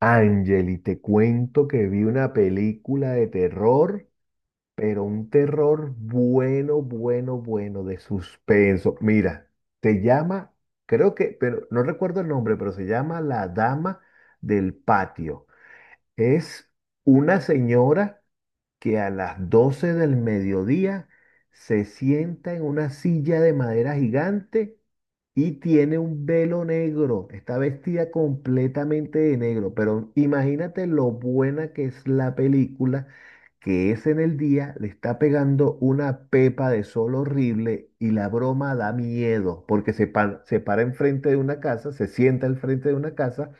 Angeli, te cuento que vi una película de terror, pero un terror bueno, bueno, bueno, de suspenso. Mira, se llama, creo que, pero no recuerdo el nombre, pero se llama La Dama del Patio. Es una señora que a las 12 del mediodía se sienta en una silla de madera gigante y tiene un velo negro. Está vestida completamente de negro, pero imagínate lo buena que es la película, que es en el día, le está pegando una pepa de sol horrible y la broma da miedo, porque se para enfrente de una casa, se sienta al frente de una casa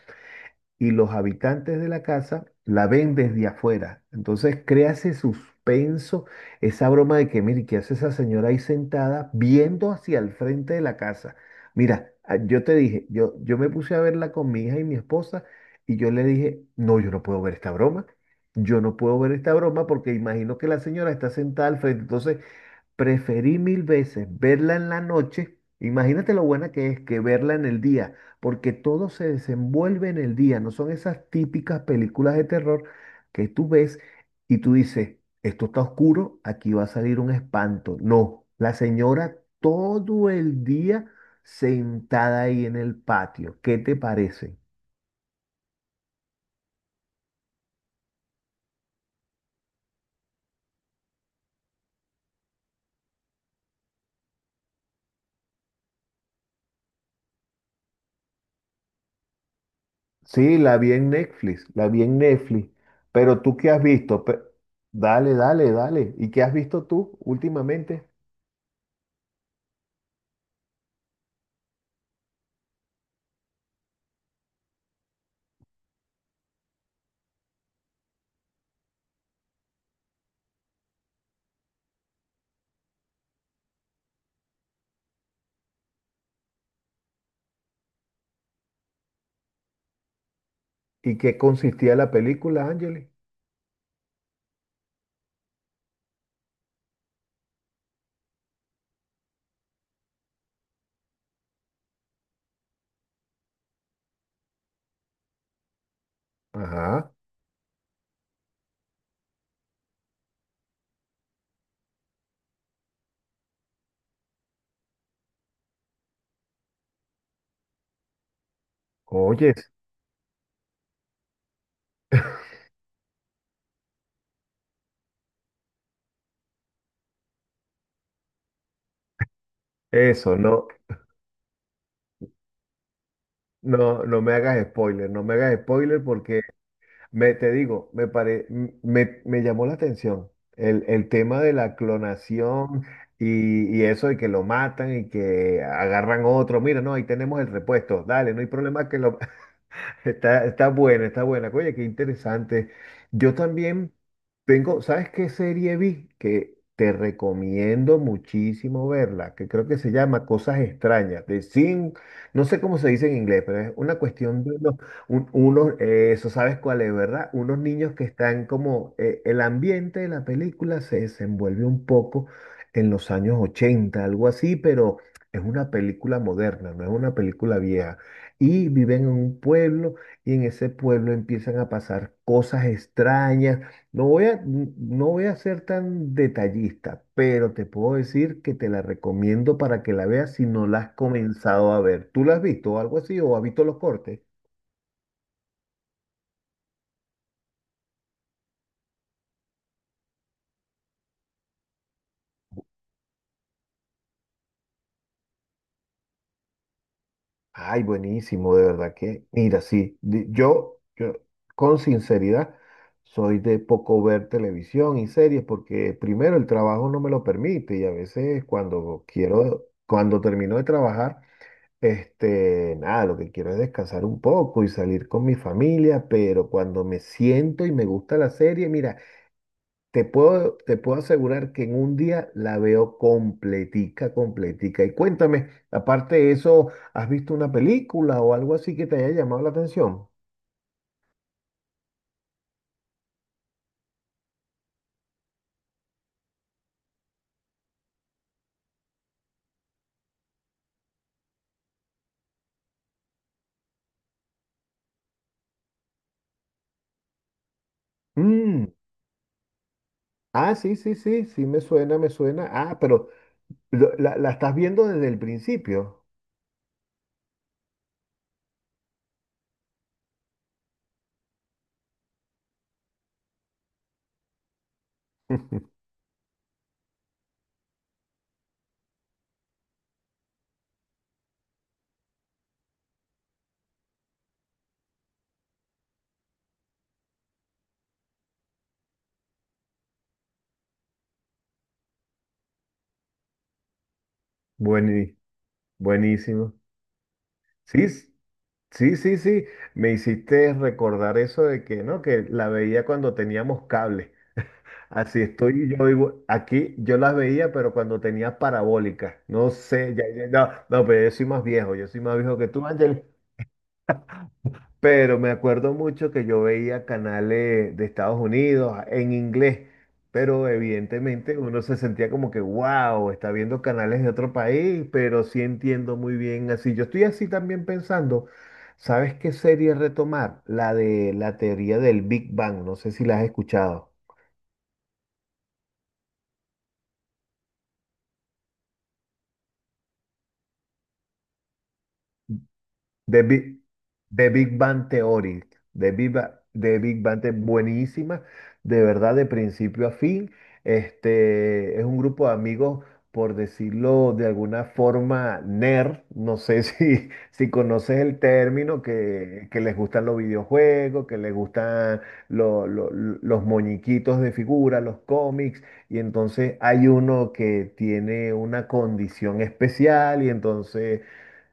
y los habitantes de la casa la ven desde afuera. Entonces crea ese suspenso, esa broma de que, mire, ¿qué hace esa señora ahí sentada viendo hacia el frente de la casa? Mira, yo te dije, yo me puse a verla con mi hija y mi esposa y yo le dije, no, yo no puedo ver esta broma. Yo no puedo ver esta broma porque imagino que la señora está sentada al frente. Entonces, preferí mil veces verla en la noche. Imagínate lo buena que es que verla en el día, porque todo se desenvuelve en el día. No son esas típicas películas de terror que tú ves y tú dices, esto está oscuro, aquí va a salir un espanto. No, la señora todo el día sentada ahí en el patio. ¿Qué te parece? Sí, la vi en Netflix, la vi en Netflix. ¿Pero tú qué has visto? Dale, dale, dale. ¿Y qué has visto tú últimamente? ¿Y qué consistía la película, Ángeles? Ajá. Oyes, eso, no, no, no me hagas spoiler, no me hagas spoiler porque me, te digo, me, pare, me llamó la atención el tema de la clonación y eso de que lo matan y que agarran otro. Mira, no, ahí tenemos el repuesto, dale, no hay problema que lo. Está buena, está buena. Oye, qué interesante. Yo también tengo, ¿sabes qué serie vi? Que te recomiendo muchísimo verla, que creo que se llama Cosas Extrañas, de Sin, no sé cómo se dice en inglés, pero es una cuestión de unos eso sabes cuál es, ¿verdad? Unos niños que están como, el ambiente de la película se desenvuelve un poco en los años 80 algo así, pero es una película moderna, no es una película vieja. Y viven en un pueblo y en ese pueblo empiezan a pasar cosas extrañas. No voy a ser tan detallista, pero te puedo decir que te la recomiendo para que la veas si no la has comenzado a ver. ¿Tú la has visto o algo así o has visto los cortes? Ay, buenísimo, de verdad que, mira, sí, yo con sinceridad soy de poco ver televisión y series porque primero el trabajo no me lo permite y a veces cuando quiero, cuando termino de trabajar, este, nada, lo que quiero es descansar un poco y salir con mi familia, pero cuando me siento y me gusta la serie, mira, te puedo asegurar que en un día la veo completica, completica. Y cuéntame, aparte de eso, ¿has visto una película o algo así que te haya llamado la atención? Mm, ah, sí, sí, sí, sí me suena, me suena. Ah, pero la estás viendo desde el principio. buení buenísimo. Sí. Sí, sí, sí, me hiciste recordar eso de que, ¿no? Que la veía cuando teníamos cable. Así estoy yo digo, aquí yo las veía, pero cuando tenía parabólica. No sé, no, no, pero yo soy más viejo, yo soy más viejo que tú, Ángel. Pero me acuerdo mucho que yo veía canales de Estados Unidos en inglés, pero evidentemente uno se sentía como que, wow, está viendo canales de otro país, pero sí entiendo muy bien así. Yo estoy así también pensando, ¿sabes qué serie retomar? La de la teoría del Big Bang, no sé si la has escuchado. The Big, The Big Bang Theory. The Big Bang Theory, buenísima, de verdad, de principio a fin. Este, es un grupo de amigos, por decirlo de alguna forma, nerd. No sé si, si conoces el término, que les gustan los videojuegos, que les gustan los moñiquitos de figura, los cómics. Y entonces hay uno que tiene una condición especial y entonces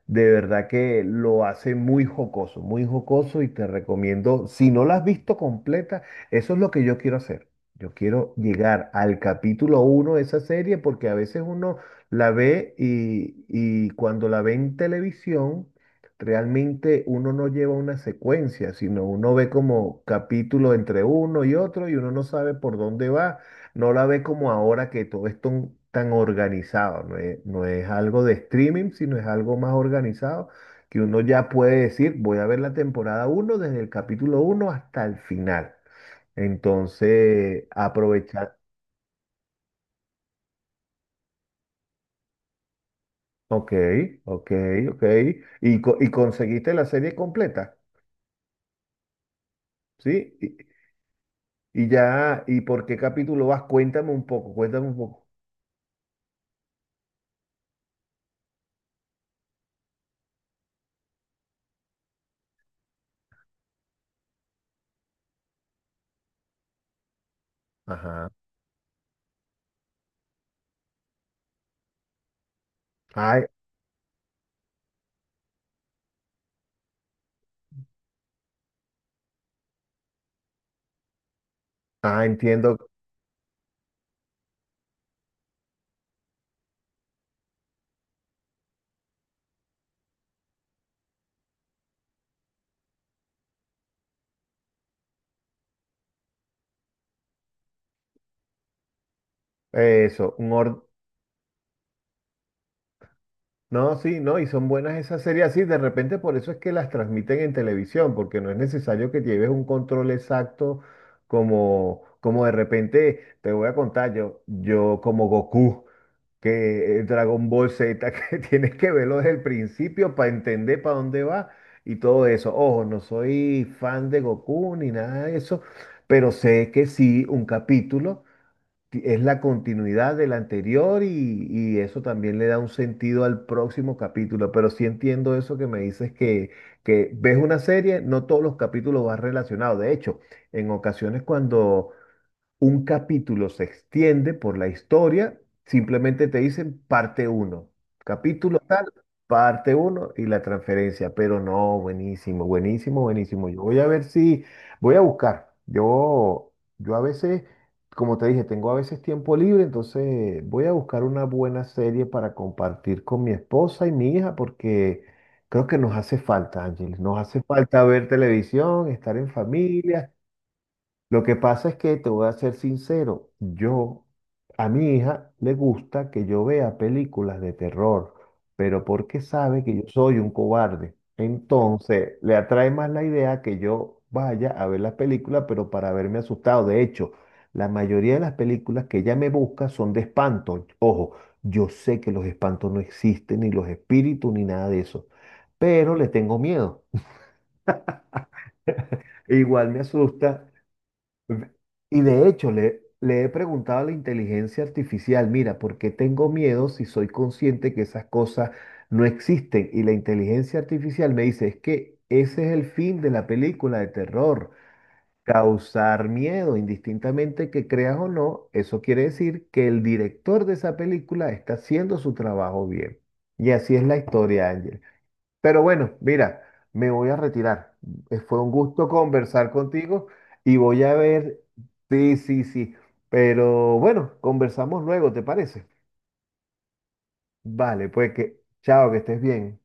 de verdad que lo hace muy jocoso y te recomiendo, si no la has visto completa, eso es lo que yo quiero hacer. Yo quiero llegar al capítulo 1 de esa serie porque a veces uno la ve y cuando la ve en televisión, realmente uno no lleva una secuencia, sino uno ve como capítulo entre uno y otro y uno no sabe por dónde va. No la ve como ahora que todo es tan organizado, no es algo de streaming, sino es algo más organizado que uno ya puede decir, voy a ver la temporada 1 desde el capítulo 1 hasta el final. Entonces, aprovechar. Ok, ok, ok. Y conseguiste la serie completa, ¿sí? Y ya, ¿y por qué capítulo vas? Cuéntame un poco, cuéntame un poco. Ajá. Ay, entiendo eso, un orden. No, sí, no, y son buenas esas series así. De repente por eso es que las transmiten en televisión, porque no es necesario que lleves un control exacto como, como de repente, te voy a contar yo, como Goku, que el Dragon Ball Z, que tienes que verlo desde el principio para entender para dónde va y todo eso. Ojo, no soy fan de Goku ni nada de eso, pero sé que sí, un capítulo es la continuidad del anterior y eso también le da un sentido al próximo capítulo. Pero sí entiendo eso que me dices que ves una serie, no todos los capítulos van relacionados. De hecho, en ocasiones cuando un capítulo se extiende por la historia, simplemente te dicen parte 1, capítulo tal, parte 1 y la transferencia, pero no, buenísimo, buenísimo, buenísimo. Yo voy a ver si, voy a buscar. Yo a veces, como te dije, tengo a veces tiempo libre, entonces voy a buscar una buena serie para compartir con mi esposa y mi hija porque... Creo que nos hace falta, Ángeles, nos hace falta ver televisión, estar en familia, lo que pasa es que te voy a ser sincero, yo a mi hija le gusta que yo vea películas de terror, pero porque sabe que yo soy un cobarde. Entonces, le atrae más la idea que yo vaya a ver la película, pero para verme asustado. De hecho, la mayoría de las películas que ella me busca son de espanto. Ojo, yo sé que los espantos no existen, ni los espíritus, ni nada de eso, pero le tengo miedo. Igual me asusta. Ve- Y de hecho, le he preguntado a la inteligencia artificial, mira, ¿por qué tengo miedo si soy consciente que esas cosas no existen? Y la inteligencia artificial me dice, es que ese es el fin de la película de terror, causar miedo, indistintamente que creas o no, eso quiere decir que el director de esa película está haciendo su trabajo bien. Y así es la historia, Ángel. Pero bueno, mira, me voy a retirar. Fue un gusto conversar contigo y voy a ver. Sí, sí, sí. Pero bueno, conversamos luego, ¿te parece? Vale, pues que chao, que estés bien.